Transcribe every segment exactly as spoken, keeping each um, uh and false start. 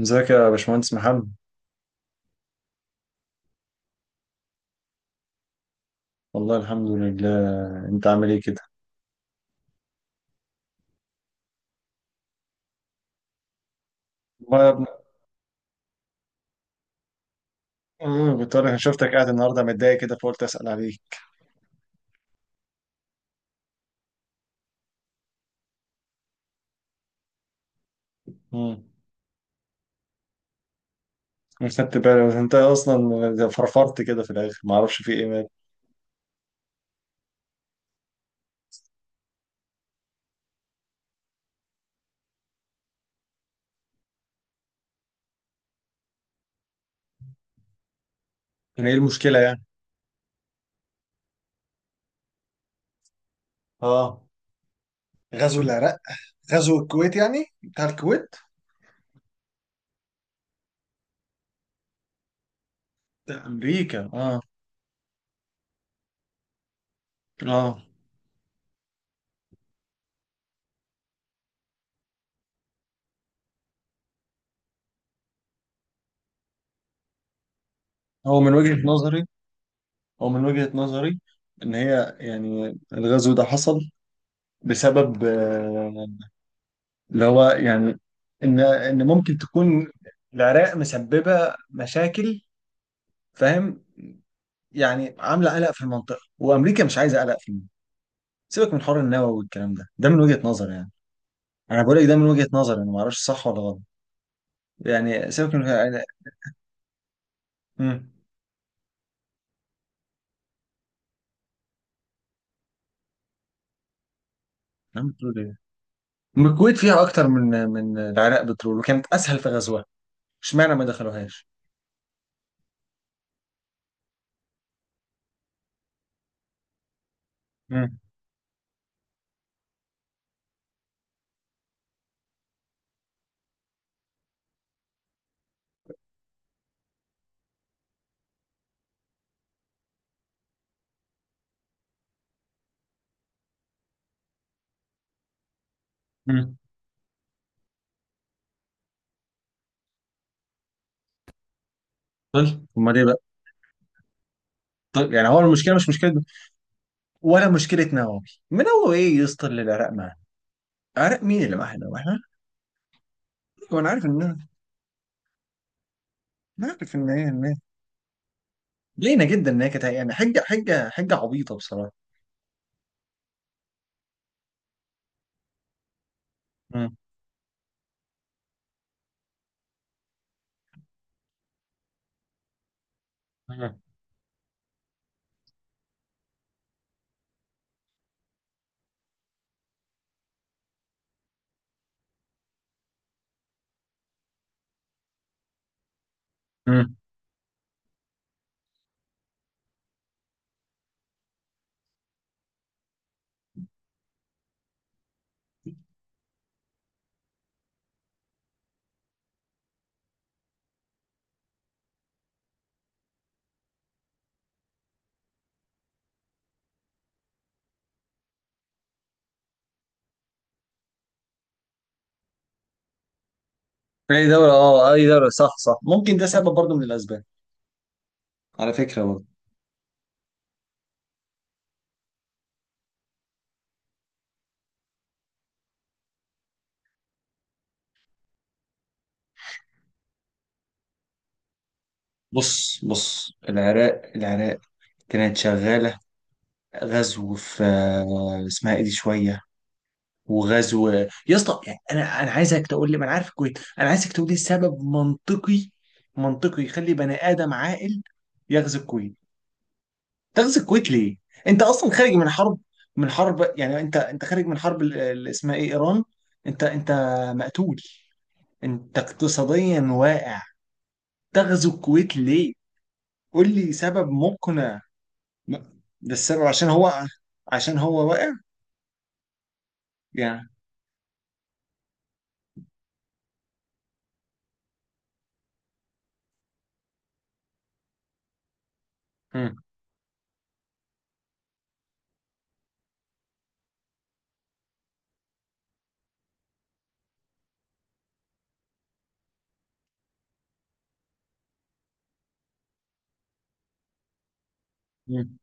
ازيك يا باشمهندس محمد؟ والله الحمد لله. انت عامل ايه كده؟ ما آه، كنت انا شفتك قاعد النهارده متضايق كده، فقلت اسال عليك. امم. مش خدت بالي، بس انت اصلا فرفرت كده في الاخر، ما اعرفش في ايه مال. يعني ايه المشكله يعني؟ اه، غزو العراق. غزو الكويت، يعني بتاع الكويت. ده امريكا، اه. اه، هو من وجهه نظري، هو من وجهه نظري ان هي يعني الغزو ده حصل بسبب، اللي هو يعني، ان ان ممكن تكون العراق مسببه مشاكل، فاهم؟ يعني عامله قلق في المنطقه، وامريكا مش عايزه قلق في المنطقه. سيبك من حوار النووي والكلام ده، ده من وجهه نظر يعني. انا بقول لك، ده من وجهه نظر، انا ما اعرفش صح ولا غلط. يعني سيبك من، يعني. امم. نعم، بتقول ايه؟ أم الكويت فيها اكتر من من العراق بترول، وكانت اسهل في غزوها. اشمعنى ما دخلوهاش؟ امم. امم. طيب، امال ايه بقى؟ طيب، يعني هو المشكله مش مشكله ولا مشكله نووي؟ نووي ايه يسطر للعراق؟ عارف مين اللي معانا واحنا. وانا عارف ان انا، أنا عارف ان هي، ان هي لينا جدا، ان هي كانت يعني حجه حجه حجه عبيطه بصراحه. مم. مم. مم. اي دوله، اه، اي دوله، صح صح، ممكن ده سبب برضه من الاسباب، على فكره برضه. بص بص، العراق العراق كانت شغاله غزو في، آه، اسمها ايه، دي شويه، وغزو يا اسطى، يعني انا انا عايزك تقول لي، ما انا عارف الكويت، انا عايزك تقول لي سبب منطقي، منطقي يخلي بني ادم عاقل يغزو الكويت. تغزو الكويت ليه؟ انت اصلا خارج من حرب، من حرب، يعني انت انت خارج من حرب ال- اللي اسمها ايه، ايران، انت انت مقتول، انت اقتصاديا واقع. تغزو الكويت ليه؟ قول لي سبب مقنع. م- ده السبب، عشان هو، عشان هو واقع يعني. مم. مم.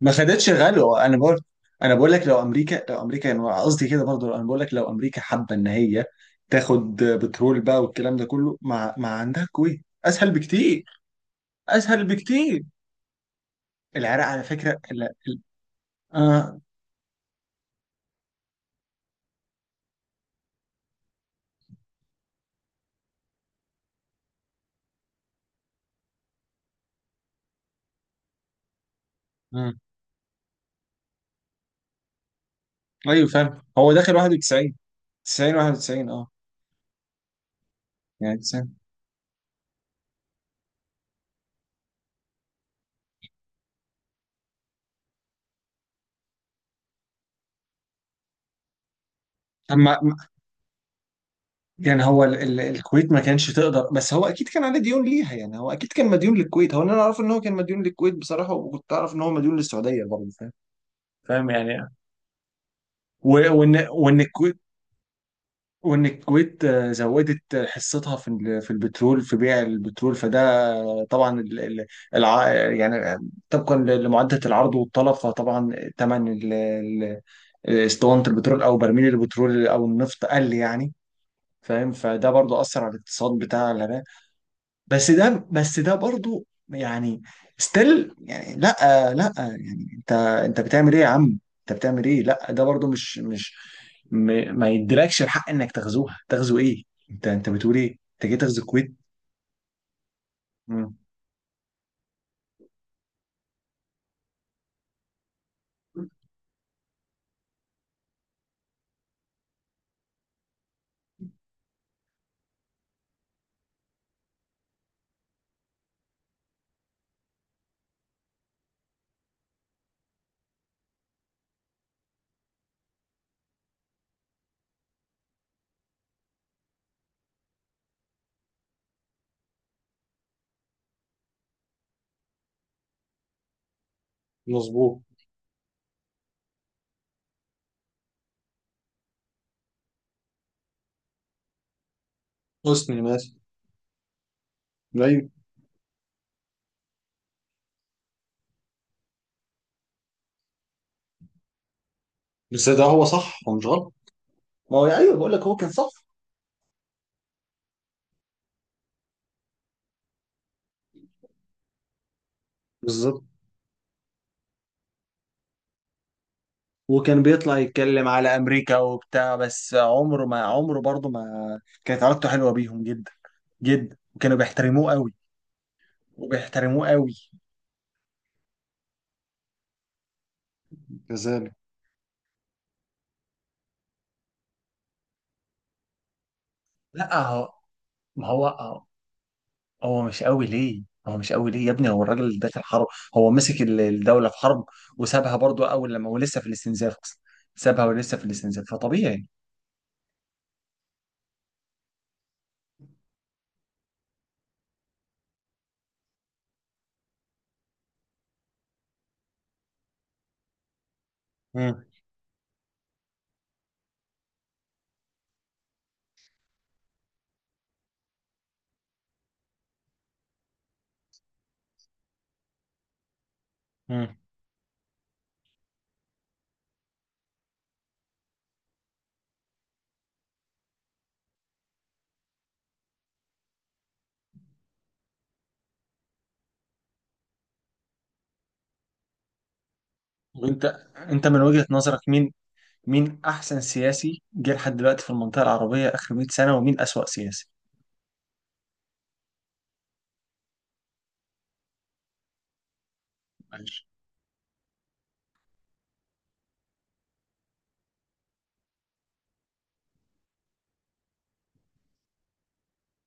ما خدتش غلو. انا بقول، انا بقول لك، لو امريكا، لو امريكا انا قصدي كده برضو، انا بقول لك لو امريكا حابه ان هي تاخد بترول بقى والكلام ده كله، ما ما عندها الكويت اسهل بكتير، اسهل بكتير. العراق على فكرة، ال... ال... آه. آه. ايوه، فاهم، هو داخل واحد وتسعين، تسعين، واحد وتسعين، اه. يعني تسعين. اما م- يعني هو ال... ال... الكويت ما كانش تقدر، بس هو اكيد كان عليه ديون ليها، يعني هو اكيد كان مديون للكويت، هو انا اعرف ان هو كان مديون للكويت بصراحة، وكنت اعرف ان هو مديون للسعودية برضه، فاهم؟ فاهم يعني. و... وان وان الكويت، وان الكويت آه، زودت حصتها في ال- في البترول، في بيع البترول، فده طبعا ال- ال- الع... يعني طبقا لمعادله العرض والطلب، فطبعا ثمن ال... ال- اسطوانه البترول او برميل البترول او النفط قل، يعني، فاهم؟ فده برضو اثر على الاقتصاد بتاع العراق. بس ده بس ده برضو يعني ستيل يعني، لا، لا يعني، انت، انت بتعمل ايه يا عم، انت بتعمل ايه؟ لا، ده برضو مش مش م... ما يديلكش الحق انك تغزوها. تغزو ايه؟ انت انت بتقول ايه؟ انت جاي تغزو الكويت. مم. مظبوط. حسني ماشي. ايوه، بس ده هو صح، هو مش غلط. ما هو ايوه، بقول لك هو كان صح. بالظبط. وكان بيطلع يتكلم على امريكا وبتاع، بس عمره ما، عمره برضه ما كانت علاقته حلوه بيهم جدا، جدا، وكانوا بيحترموه قوي، وبيحترموه قوي. كذلك. لا هو، ما هو هو هو مش قوي ليه؟ هو مش قوي ليه يا ابني؟ هو الراجل اللي داخل حرب، هو مسك ال- الدولة في حرب، وسابها برضو أول لما هو لسه في الاستنزاف أصلا، سابها ولسه في الاستنزاف، فطبيعي. مم. مم. وأنت أنت من وجهة نظرك، مين مين أحسن سياسي جه لحد دلوقتي في المنطقة العربية آخر مية سنة، ومين أسوأ سياسي؟ ماشي.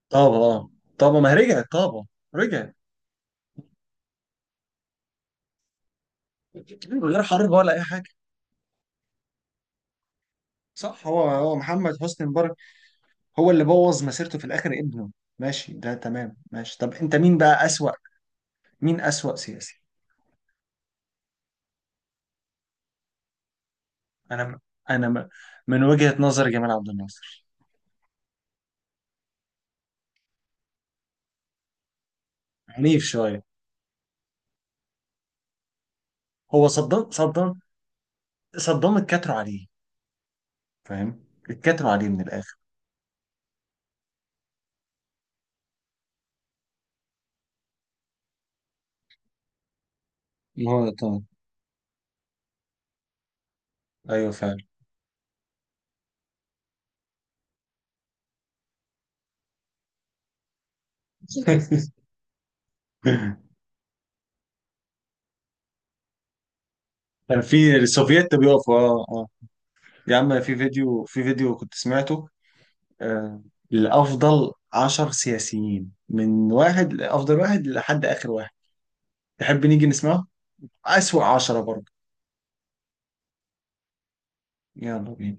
طابة، اه. طابة، ما هي رجعت طابة. رجعت من غير حرب ولا أي حاجة. صح، هو هو محمد حسني مبارك، هو اللي بوظ مسيرته في الآخر ابنه. ماشي، ده تمام، ماشي. طب أنت مين بقى أسوأ؟ مين أسوأ سياسي؟ أنا أنا م- من وجهة نظر جمال عبد الناصر، عنيف شوية. هو صدام، صدام صدام اتكتروا عليه، فاهم؟ اتكتروا عليه من الآخر. ما هو طبعا. ايوه فعلا. كان في السوفييت بيقفوا، اه، اه. يا عم، في فيديو في فيديو كنت سمعته، آه، لأفضل عشر سياسيين، من واحد لأفضل واحد لحد آخر واحد. تحب نيجي نسمعه؟ أسوأ عشرة برضه. يلا بينا.